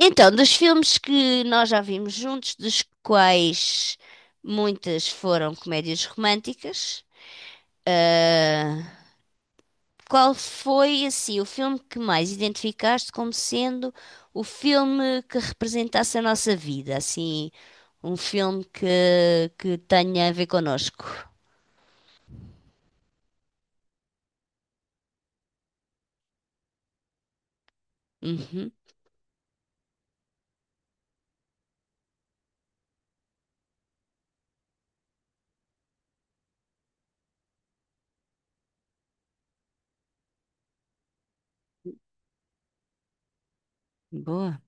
Então, dos filmes que nós já vimos juntos, dos quais muitas foram comédias românticas, ah, qual foi assim o filme que mais identificaste como sendo o filme que representasse a nossa vida? Assim, um filme que, que tenha a ver connosco. Uhum, boa.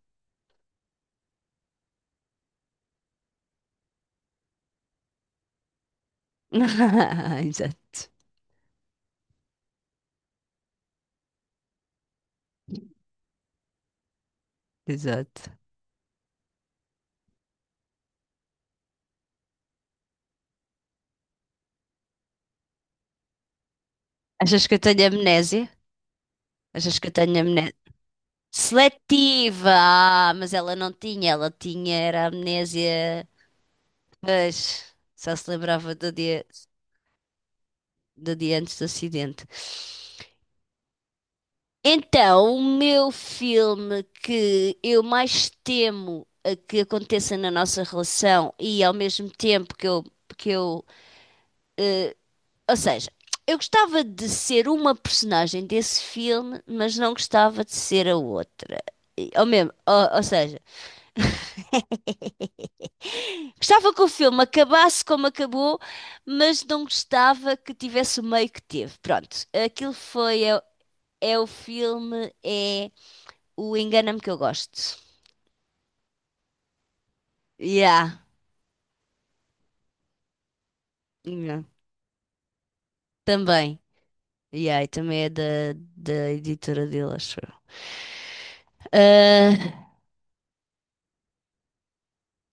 Exato, exato. Achas que eu tenho amnésia? Achas que eu tenho amnésia? Seletiva! Ah, mas ela não tinha, ela tinha, era amnésia, mas só se lembrava do dia antes do acidente. Então, o meu filme que eu mais temo a que aconteça na nossa relação e ao mesmo tempo que eu, eh, ou seja, eu gostava de ser uma personagem desse filme, mas não gostava de ser a outra. Ou seja, gostava que o filme acabasse como acabou, mas não gostava que tivesse o meio que teve. Pronto, aquilo foi. É o filme, é o Engana-me que eu gosto. Yeah, yeah. Também. Yeah, e também é da editora dele, acho eu. Ah,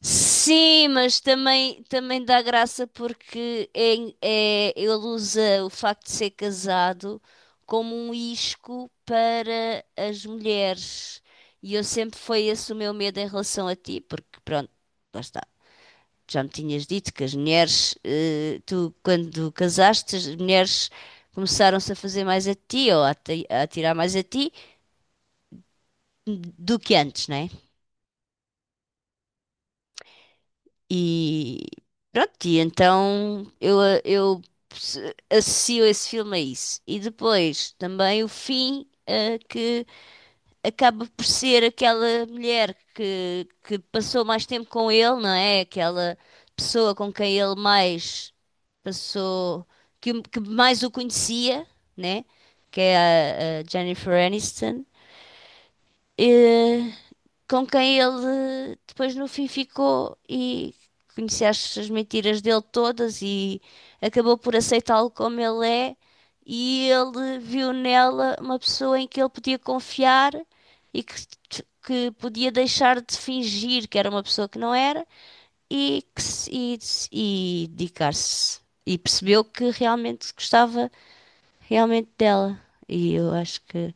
sim, mas também, também dá graça porque ele usa o facto de ser casado como um isco para as mulheres. E eu sempre foi esse o meu medo em relação a ti, porque pronto, lá está. Já me tinhas dito que as mulheres, eh, tu quando casaste, as mulheres começaram-se a fazer mais a ti ou a, ti- a tirar mais a ti do que antes, né? E pronto, e então eu associo esse filme a isso. E depois também o fim, eh, que acaba por ser aquela mulher que passou mais tempo com ele, não é? Aquela pessoa com quem ele mais passou, que, o- que mais o conhecia, né? Que é a Jennifer Aniston com quem ele depois no fim ficou e conhecia as, as mentiras dele todas e acabou por aceitá-lo como ele é e ele viu nela uma pessoa em que ele podia confiar e que, que podia deixar de fingir que era uma pessoa que não era e, que se- e dedicar-se. E percebeu que realmente gostava realmente dela. E eu acho que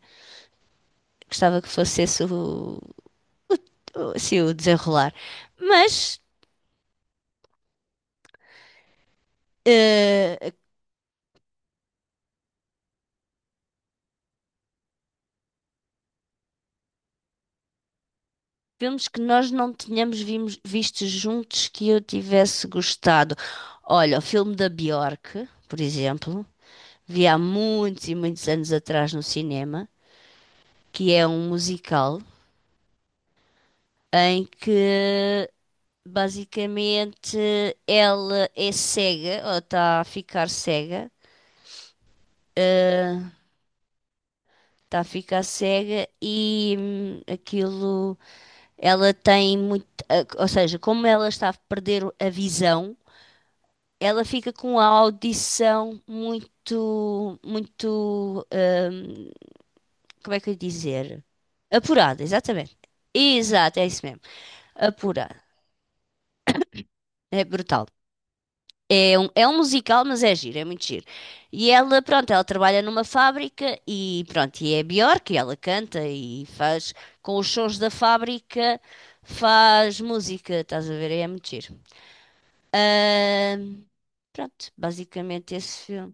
gostava que fosse esse sim, o desenrolar. Mas eh, filmes que nós não tínhamos vimos- visto juntos que eu tivesse gostado. Olha, o filme da Bjork, por exemplo, vi há muitos e muitos anos atrás no cinema, que é um musical em que basicamente ela é cega ou está a ficar cega. eh, Está a ficar cega e aquilo ela tem muito, eh, ou seja, como ela está a perder a visão, ela fica com a audição muito, muito, como é que eu ia dizer? Apurada, exatamente. Exato, é isso mesmo. Apurada. É brutal. É um musical, mas é giro, é muito giro. E ela, pronto, ela trabalha numa fábrica e pronto, e é Björk, e ela canta e faz com os sons da fábrica, faz música, estás a ver? É muito giro. Ahm, pronto, basicamente esse filme.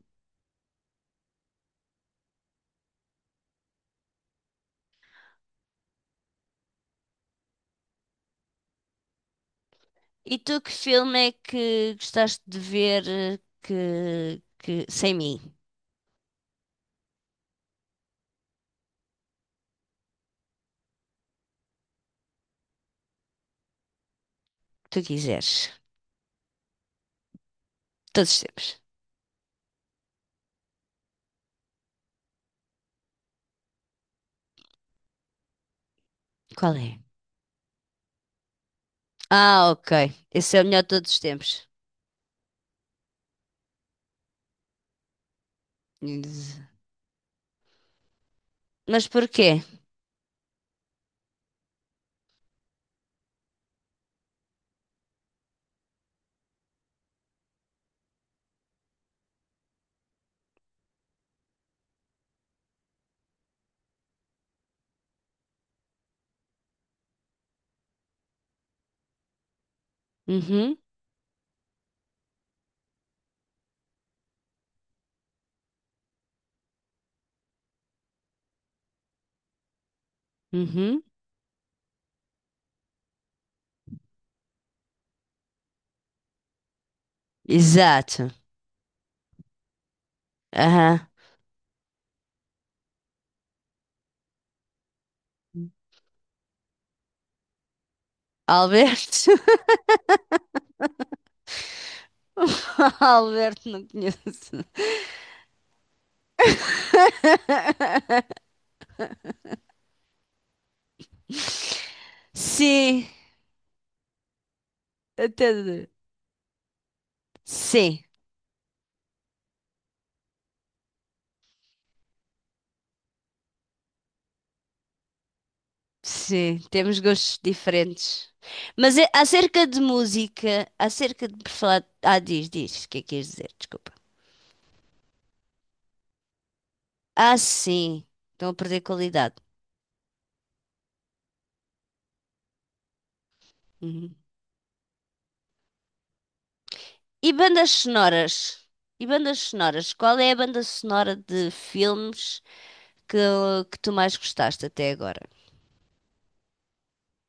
E tu que filme é que gostaste de ver que sem mim, que tu quiseres? Todos os tempos. Qual é? Ah, ok. Esse é o melhor de todos os tempos. Ex- Mas porquê? Uhum, uhum. Exato. Aham. Alberto. Alberto não conheço. Sim. Até. Sim. Sim, temos gostos diferentes. Mas é- acerca de música, acerca de por falar. Ah, diz, diz, o que é que ias dizer? Desculpa. Ah, sim, estão a perder qualidade. Uhum. E bandas sonoras? E bandas sonoras? Qual é a banda sonora de filmes que, que tu mais gostaste até agora?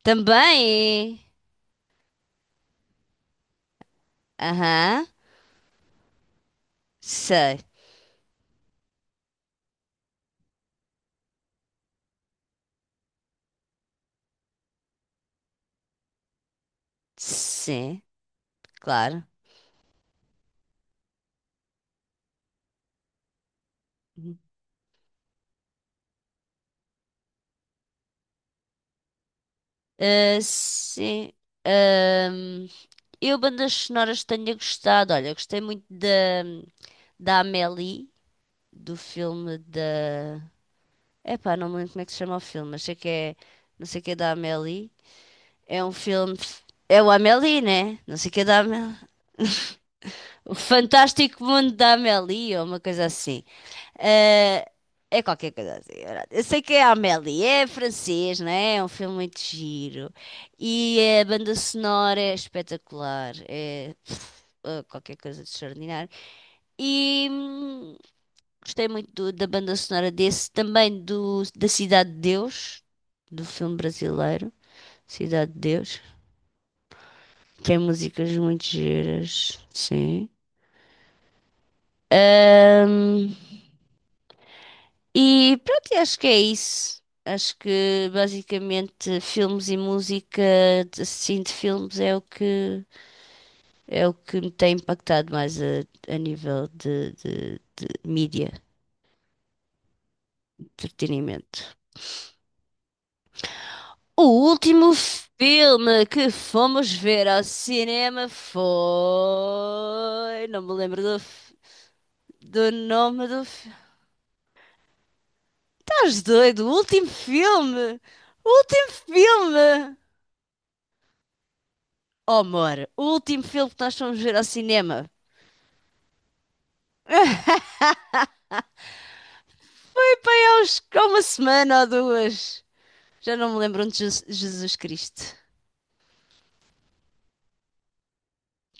Também! Aham, sei. Sim, claro. Ah, sim. Ahm, eu, bandas sonoras, tenho gostado. Olha, gostei muito da Amélie, do filme da. Epá, não me lembro como é que se chama o filme, mas sei que é. Não sei o que é da Amélie. É um filme. É o Amélie, né? Não sei o que é da Amélie. O Fantástico Mundo da Amélie, ou uma coisa assim. Eh, é qualquer coisa assim. É verdade. Eu sei que é Amélie, é francês, não é? É um filme muito giro. E a banda sonora é espetacular. É pff, qualquer coisa de extraordinário. E gostei muito do- da banda sonora desse, também da Cidade de Deus, do filme brasileiro, Cidade de Deus. Tem músicas muito giras, sim. Hum, e pronto, e acho que é isso. Acho que basicamente filmes e música, de- assim, de filmes é o que me tem impactado mais a nível de mídia, entretenimento. O último filme que fomos ver ao cinema foi. Não me lembro do, f- do nome do filme. Estás doido? O último filme! O último filme! Oh, amor, o último filme que nós fomos ver ao cinema. Deus, há uma semana ou duas. Já não me lembro onde. Jesus, Jesus Cristo.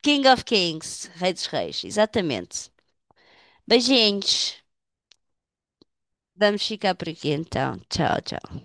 King of Kings, Rei dos Reis, exatamente. Beijinhos. Vamos ficar por aqui então. Tchau, tchau.